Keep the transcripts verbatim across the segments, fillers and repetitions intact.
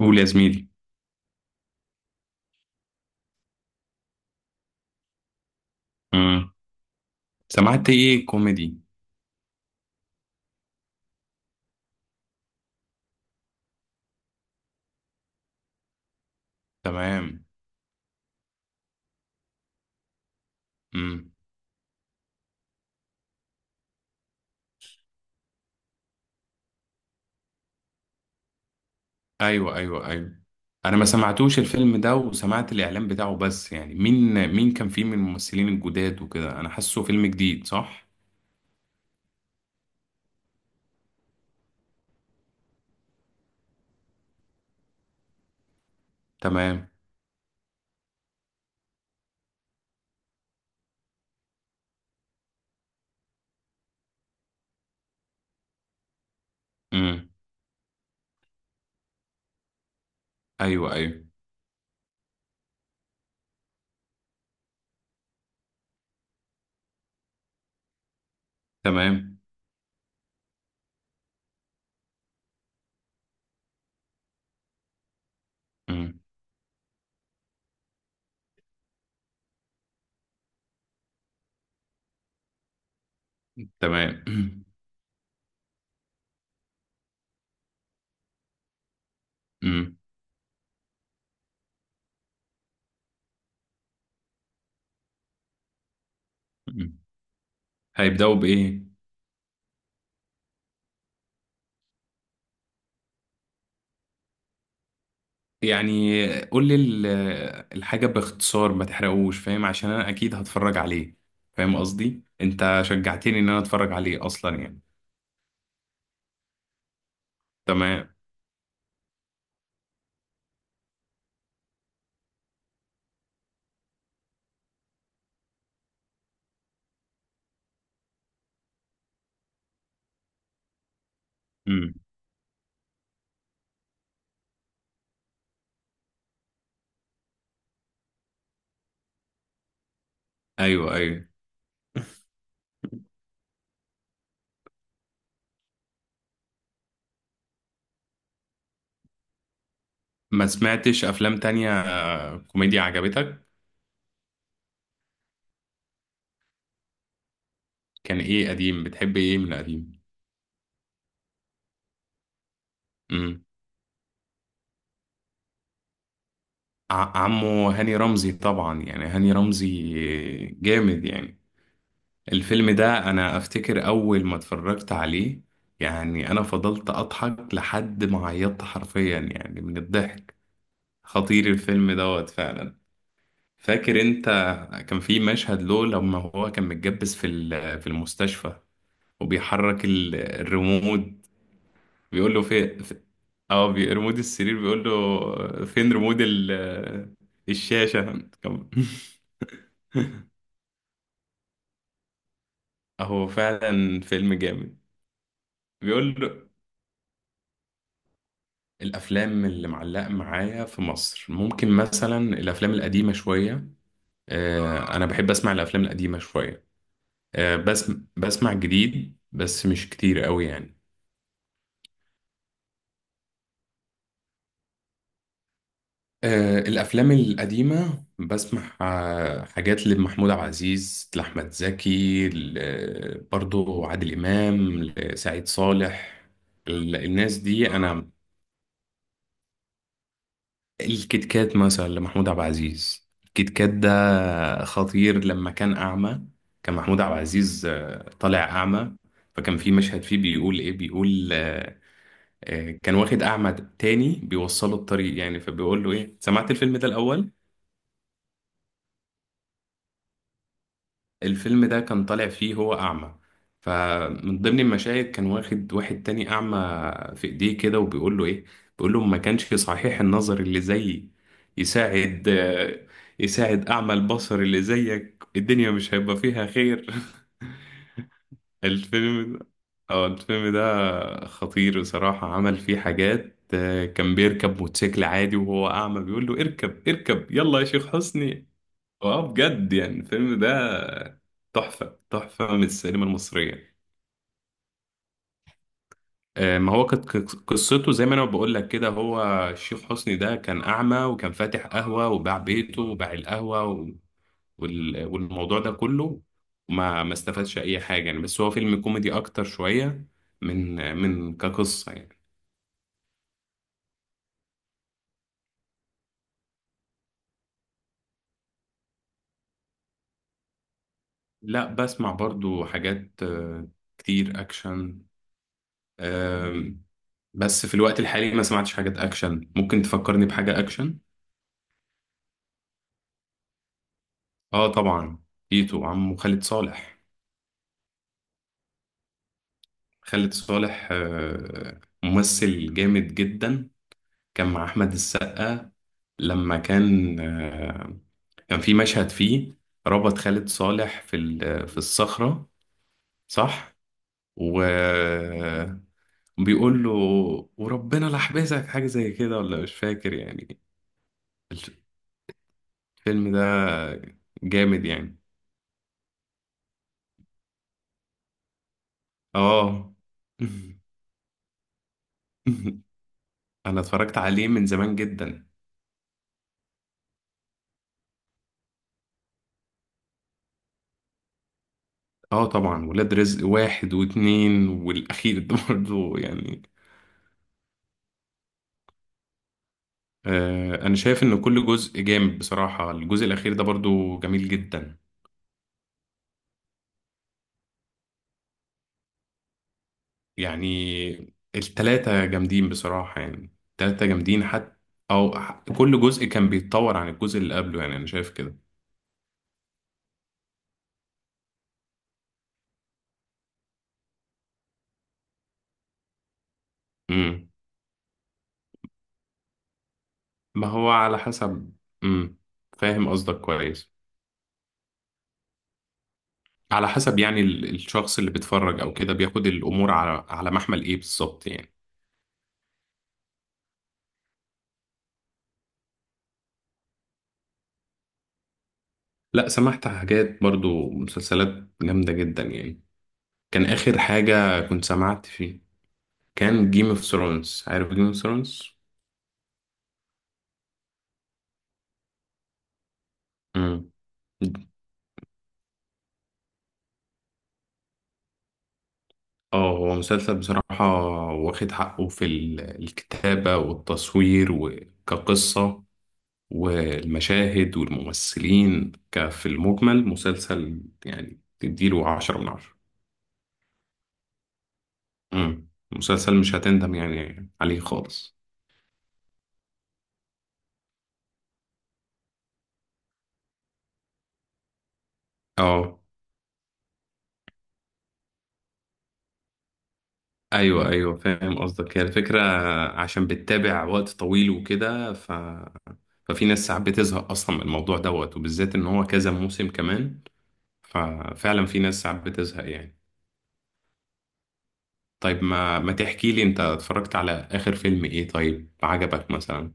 قول يا زميلي. امم. سمعت ايه كوميدي؟ تمام. امم. ايوه، ايوه، ايوه. انا ما سمعتوش الفيلم ده وسمعت الاعلان بتاعه، بس يعني مين مين كان فيه من الممثلين الجداد وكده؟ انا حاسه فيلم جديد، صح؟ تمام. امم. ايوه، ايوه. تمام. امم. تمام. امم. أمم. هيبداوا بايه؟ يعني قول لي ال- الحاجه باختصار، ما تحرقوش، فاهم؟ عشان انا اكيد هتفرج عليه. فاهم قصدي؟ انت شجعتني ان انا اتفرج عليه اصلا، يعني. تمام. امم. ايوه، ايوه. ما سمعتش افلام تانية، آه، كوميديا عجبتك؟ كان ايه قديم؟ بتحب ايه من القديم؟ امم. ع- عمو هاني رمزي طبعا، يعني هاني رمزي. جامد يعني. الفيلم ده انا افتكر اول ما اتفرجت عليه، يعني انا فضلت اضحك لحد ما عيطت حرفيا، يعني من الضحك. خطير الفيلم دوت فعلا. فاكر انت؟ كان في مشهد له لما هو كان متجبس في ال- في المستشفى، وبيحرك ال- الريموت. بيقول له فين في- اه بي- ريموت السرير. بيقول له فين ريموت ال- الشاشة، طب. هو فعلا فيلم جامد. بيقول له. الأفلام اللي معلقة معايا في مصر ممكن مثلا الأفلام القديمة شوية. آه، أنا بحب أسمع الأفلام القديمة شوية. آه، بس، بسمع جديد بس مش كتير قوي، يعني. آه، الأفلام القديمة بسمع، آه، حاجات لمحمود عبد العزيز، لأحمد زكي، ل- آه، برضو عادل إمام، لسعيد صالح. ال- الناس دي أنا. الكيت كات مثلا لمحمود عبد العزيز. الكيت كات ده خطير لما كان أعمى. كان محمود عبد العزيز آه، طالع أعمى. فكان في مشهد فيه، بيقول إيه، بيقول، آه، آه، كان واخد أعمى تاني بيوصله الطريق، يعني. فبيقول له إيه، سمعت الفيلم ده الأول؟ الفيلم ده كان طالع فيه هو أعمى. فمن ضمن المشاهد كان واخد واحد تاني أعمى، في إيديه كده، وبيقول له إيه. بيقول له: ما كانش صحيح النظر اللي زيي يساعد آه، يساعد أعمى البصر اللي زيك، الدنيا مش هيبقى فيها خير. الفيلم ده، اه، الفيلم ده خطير بصراحة. عمل فيه حاجات، آه، كان بيركب موتوسيكل عادي وهو أعمى، بيقول له اركب اركب، يلا يا شيخ حسني. اه، بجد يعني الفيلم ده تحفة تحفة من السينما المصرية. آه، ما هو كانت ق- قصته زي ما انا بقول لك كده، هو الشيخ حسني ده كان اعمى، وكان فاتح قهوة، وباع بيته وباع القهوة و- وال- والموضوع ده كله. ما ما استفادش اي حاجة، يعني بس هو فيلم كوميدي اكتر شوية من من كقصة، يعني. لا، بسمع برضو حاجات، آه، كتير اكشن. آم، بس في الوقت الحالي ما سمعتش حاجات اكشن. ممكن تفكرني بحاجة اكشن؟ اه، طبعا. تيتو، عمه خالد صالح. خالد صالح آه، ممثل جامد جدا. كان مع احمد السقا، لما كان، آه، كان في مشهد فيه، ربط خالد صالح في ال- في الصخرة. صح؟ وبيقول له، وربنا لحبسك حاجة زي كده، ولا مش فاكر، يعني. الفيلم ده جامد يعني. اه. انا اتفرجت عليه من زمان جدا. اه طبعا، ولاد رزق واحد واتنين والاخير ده برضو، يعني. آه انا شايف ان كل جزء جامد بصراحة. الجزء الاخير ده برضو جميل جدا. يعني، التلاتة جامدين بصراحة، يعني التلاتة جامدين حتى. او، ح- كل جزء كان بيتطور عن الجزء اللي قبله، يعني انا شايف كده. امم. ما هو على حسب. امم. فاهم قصدك كويس. على حسب، يعني ال- الشخص اللي بيتفرج او كده بياخد الامور على على محمل ايه بالظبط، يعني. لا، سمعت حاجات برضو، مسلسلات جامدة جدا يعني. كان آخر حاجة كنت سمعت فيه كان جيم اوف ثرونز. عارف جيم اوف ثرونز؟ امم. اه، هو مسلسل بصراحة، واخد حقه في ال- الكتابة والتصوير وكقصة، والمشاهد والممثلين، ك- في المجمل مسلسل يعني تديله عشرة من عشرة. امم مسلسل مش هتندم يعني عليه خالص. اه، ايوه، ايوه فاهم قصدك، هي الفكره، عشان بتتابع وقت طويل وكده، ف ففي ناس ساعات بتزهق اصلا من الموضوع دوت، وبالذات ان هو كذا موسم كمان. ففعلا في ناس ساعات بتزهق يعني. طيب، ما ما تحكي لي، انت اتفرجت على اخر فيلم ايه طيب، عجبك مثلا؟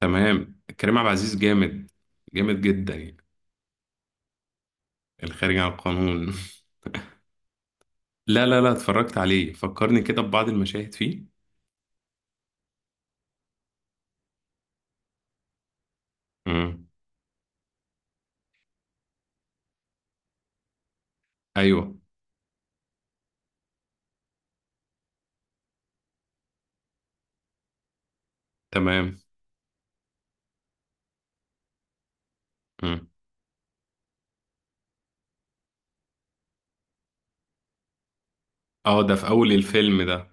تمام، كريم عبد العزيز جامد، جامد جدا يعني. الخارج عن القانون. لا، لا، لا، اتفرجت عليه، فكرني كده ببعض المشاهد فيه. امم. ايوه. تمام. امم. اه، ده في اول الفيلم ده.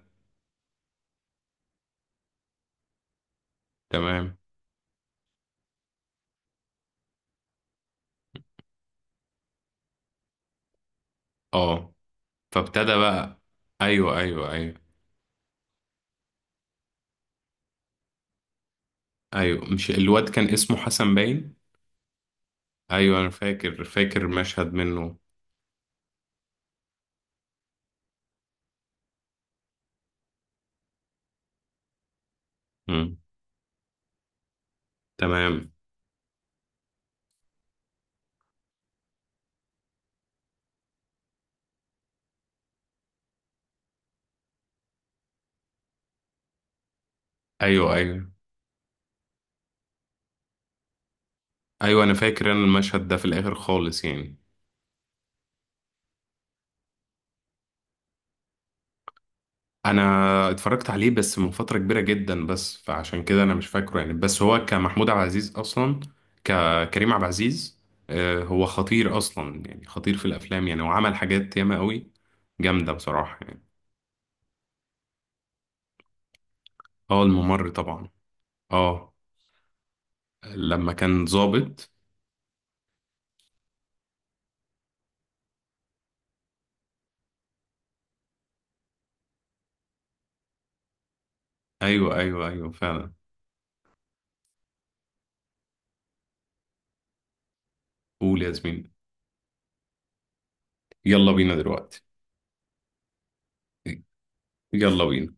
تمام. اه، فابتدى بقى. ايوه، ايوه، ايوه. ايوه، مش الواد كان اسمه حسن، باين. ايوه، انا فاكر فاكر مشهد منه. مم. تمام. ايوه، ايوه، ايوه. انا فاكر. انا المشهد ده في الاخر خالص يعني. انا اتفرجت عليه بس من فتره كبيره جدا، بس فعشان كده انا مش فاكره يعني، بس هو كمحمود عبد العزيز اصلا، ككريم عبد العزيز. آه، هو خطير اصلا يعني، خطير في الافلام يعني، وعمل حاجات ياما قوي. جامده بصراحه يعني. اه، الممر طبعا. اه، لما كان ظابط. ايوه، ايوه، ايوه، فعلا. قول يا زميلي. يلا بينا دلوقتي. يلا بينا.